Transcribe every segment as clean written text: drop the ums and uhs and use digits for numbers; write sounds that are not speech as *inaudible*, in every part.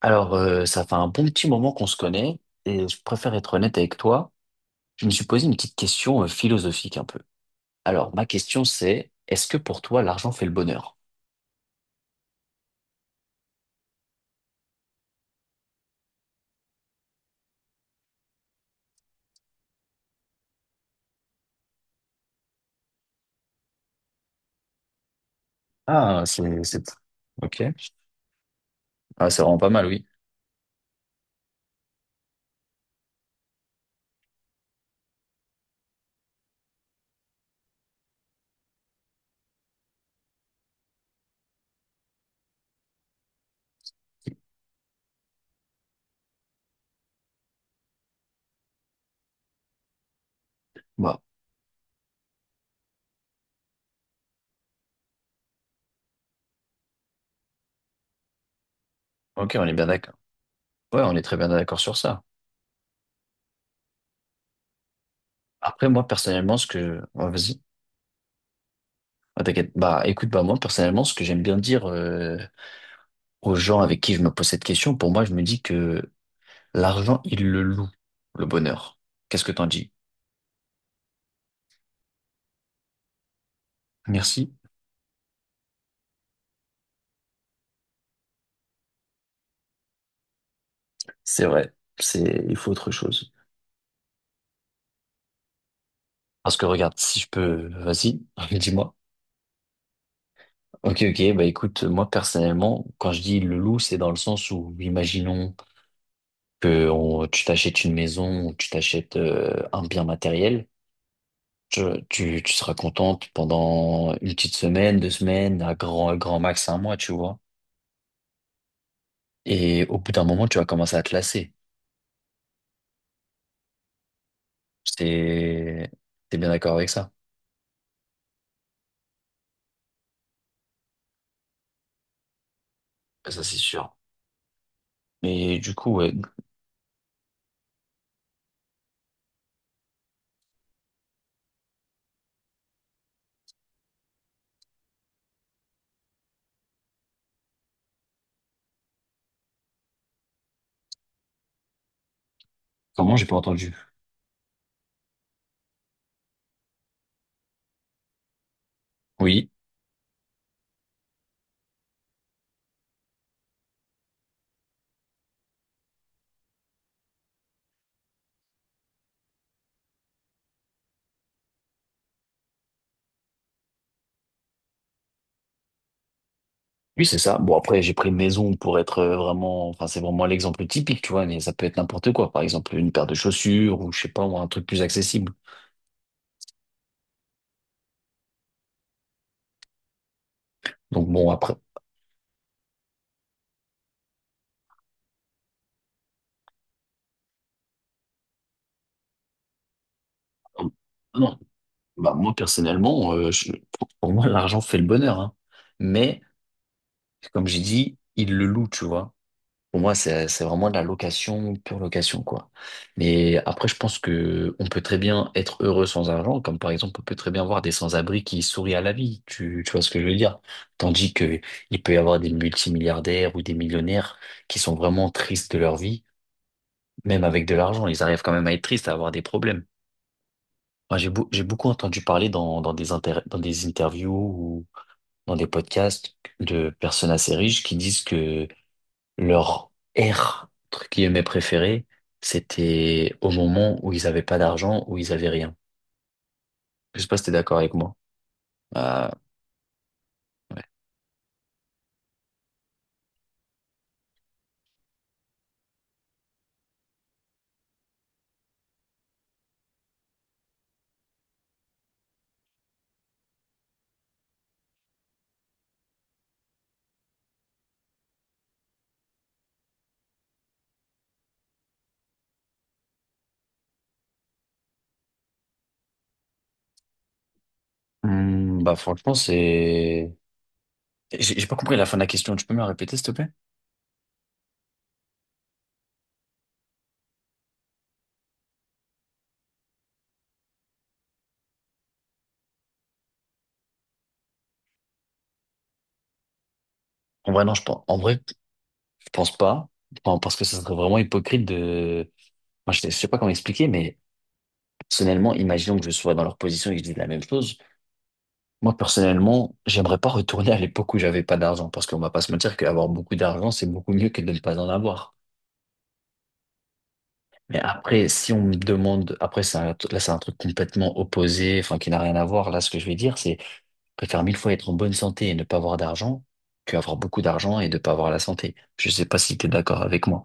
Alors, ça fait un bon petit moment qu'on se connaît et je préfère être honnête avec toi. Je me suis posé une petite question philosophique un peu. Alors, ma question c'est, est-ce que pour toi l'argent fait le bonheur? Ah, c'est... Ok. Ah, c'est vraiment pas mal, oui. Bah, ok, on est bien d'accord. Ouais, on est très bien d'accord sur ça. Après, moi, personnellement, ce que... ouais, vas-y. Ah, t'inquiète. Bah, écoute, bah, moi, personnellement, ce que j'aime bien dire aux gens avec qui je me pose cette question, pour moi, je me dis que l'argent, il le loue, le bonheur. Qu'est-ce que t'en dis? Merci. C'est vrai. C'est, il faut autre chose. Parce que regarde, si je peux, vas-y, *laughs* dis-moi. Ok, ok, bah écoute, moi personnellement, quand je dis le loup, c'est dans le sens où, imaginons que tu t'achètes une maison, ou tu t'achètes un bien matériel, tu, tu seras contente pendant une petite semaine, deux semaines, à grand, grand max un mois, tu vois. Et au bout d'un moment, tu vas commencer à te lasser. C'est, t'es bien d'accord avec ça? Ça, c'est sûr. Mais du coup, ouais, comment j'ai pas entendu? Oui. Oui, c'est ça. Bon, après, j'ai pris maison pour être vraiment, enfin, c'est vraiment l'exemple typique, tu vois, mais ça peut être n'importe quoi. Par exemple, une paire de chaussures ou, je sais pas, moi, un truc plus accessible. Donc, bon, après, euh, non. Bah, moi, personnellement, pour moi, l'argent fait le bonheur, hein. Mais, comme j'ai dit, il le loue, tu vois. Pour moi, c'est vraiment de la location, pure location, quoi. Mais après, je pense que on peut très bien être heureux sans argent, comme par exemple, on peut très bien voir des sans-abri qui sourient à la vie. Tu vois ce que je veux dire? Tandis que il peut y avoir des multimilliardaires ou des millionnaires qui sont vraiment tristes de leur vie, même avec de l'argent, ils arrivent quand même à être tristes, à avoir des problèmes. Moi, j'ai beaucoup entendu parler dans des interviews ou dans des podcasts de personnes assez riches qui disent que leur ère, entre guillemets, préférée, c'était au moment où ils n'avaient pas d'argent, où ils avaient rien. Je sais pas si t'es d'accord avec moi. Euh, ouais. Hmm, bah franchement, c'est... j'ai pas compris la fin de la question. Tu peux me la répéter, s'il te plaît? En vrai, non, je pense, en vrai, je pense pas. Enfin, parce que ça serait vraiment hypocrite de... Moi, je sais pas comment expliquer, mais personnellement, imaginons que je sois dans leur position et que je dise la même chose. Moi, personnellement, j'aimerais pas retourner à l'époque où j'avais pas d'argent. Parce qu'on va pas se mentir qu'avoir beaucoup d'argent, c'est beaucoup mieux que de ne pas en avoir. Mais après, si on me demande, après, là, c'est un truc complètement opposé, enfin, qui n'a rien à voir. Là, ce que je vais dire, c'est, je préfère mille fois être en bonne santé et ne pas avoir d'argent que avoir beaucoup d'argent et ne pas avoir la santé. Je sais pas si tu es d'accord avec moi.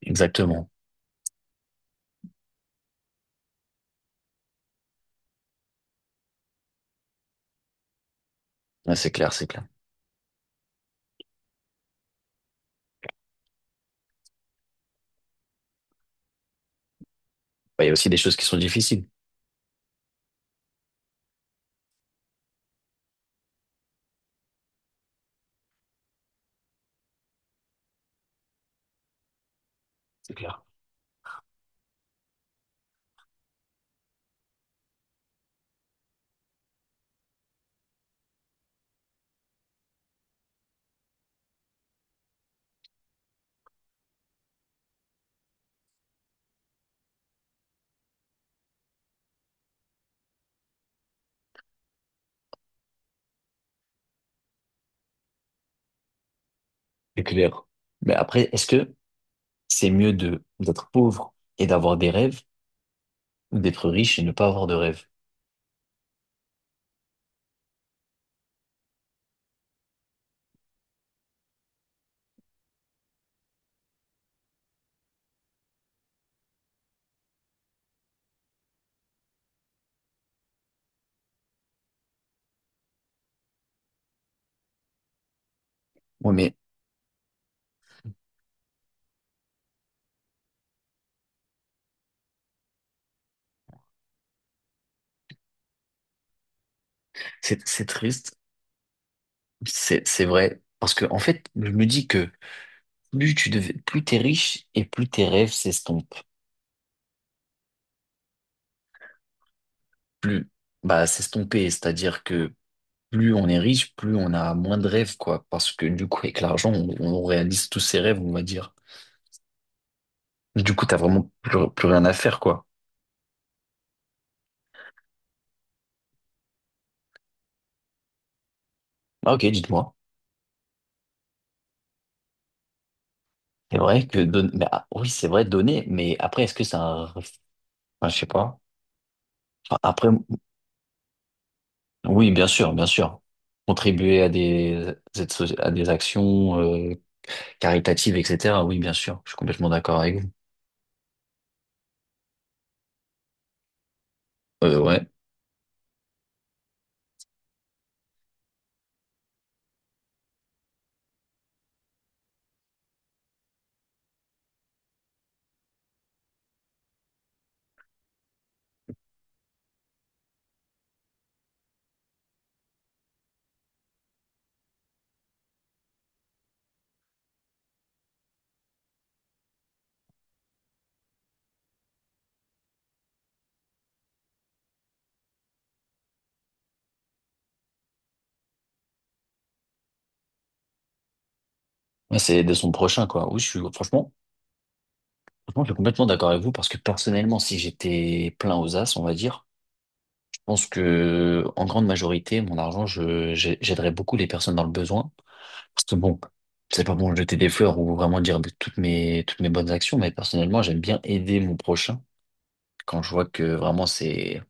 Exactement. Ouais, c'est clair, c'est clair. Bah, il y a aussi des choses qui sont difficiles. C'est clair. C'est clair. Mais après, est-ce que c'est mieux de, d'être pauvre et d'avoir des rêves ou d'être riche et ne pas avoir de rêves? Oui, mais c'est triste. C'est vrai. Parce que, en fait, je me dis que, plus tu devais, plus t'es riche et plus tes rêves s'estompent. Plus, bah, s'estomper, c'est-à-dire que plus on est riche, plus on a moins de rêves, quoi. Parce que du coup, avec l'argent, on réalise tous ses rêves, on va dire. Du coup, t'as vraiment plus, plus rien à faire, quoi. Ah, ok, dites-moi. C'est vrai que donner, mais, ah, oui, c'est vrai, donner, mais après, est-ce que c'est un, enfin, je sais pas. Enfin, après, oui, bien sûr, bien sûr. Contribuer à à des actions, caritatives, etc. Oui, bien sûr. Je suis complètement d'accord avec vous. Ouais. Ouais, c'est de son prochain, quoi. Oui, je suis, franchement, franchement, je suis complètement d'accord avec vous parce que personnellement, si j'étais plein aux as, on va dire, je pense que, en grande majorité, mon argent, j'aiderais beaucoup les personnes dans le besoin. Parce que bon, c'est pas bon de jeter des fleurs ou vraiment dire de toutes mes bonnes actions, mais personnellement, j'aime bien aider mon prochain quand je vois que vraiment c'est,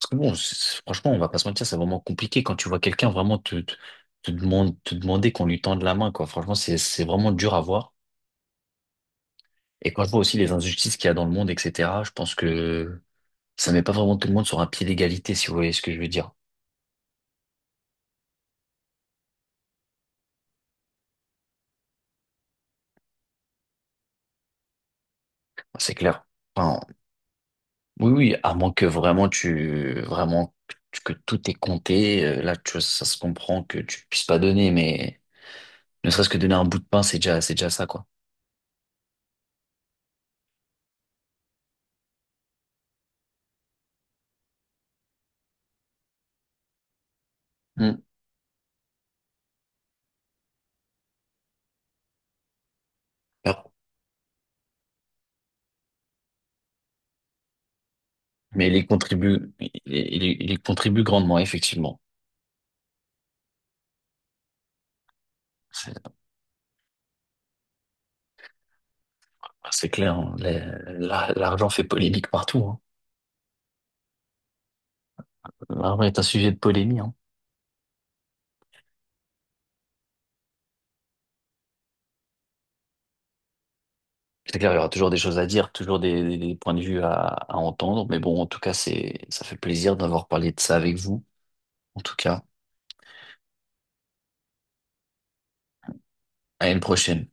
parce que bon, franchement, on va pas se mentir, c'est vraiment compliqué quand tu vois quelqu'un vraiment te demander qu'on lui tende la main, quoi. Franchement, c'est vraiment dur à voir. Et quand je vois aussi les injustices qu'il y a dans le monde, etc., je pense que ça met pas vraiment tout le monde sur un pied d'égalité, si vous voyez ce que je veux dire. C'est clair. Enfin, oui, oui, à moins que vraiment vraiment que tout est compté, là, tu vois, ça se comprend que tu puisses pas donner, mais ne serait-ce que donner un bout de pain, c'est déjà ça, quoi. Mm. Alors, mais il y contribue, il y contribue grandement, effectivement. C'est c'est clair, hein. L'argent fait polémique partout, hein. L'argent est un sujet de polémie, hein. C'est clair, il y aura toujours des choses à dire, toujours des points de vue à entendre. Mais bon, en tout cas, c'est, ça fait plaisir d'avoir parlé de ça avec vous. En tout cas, à une prochaine.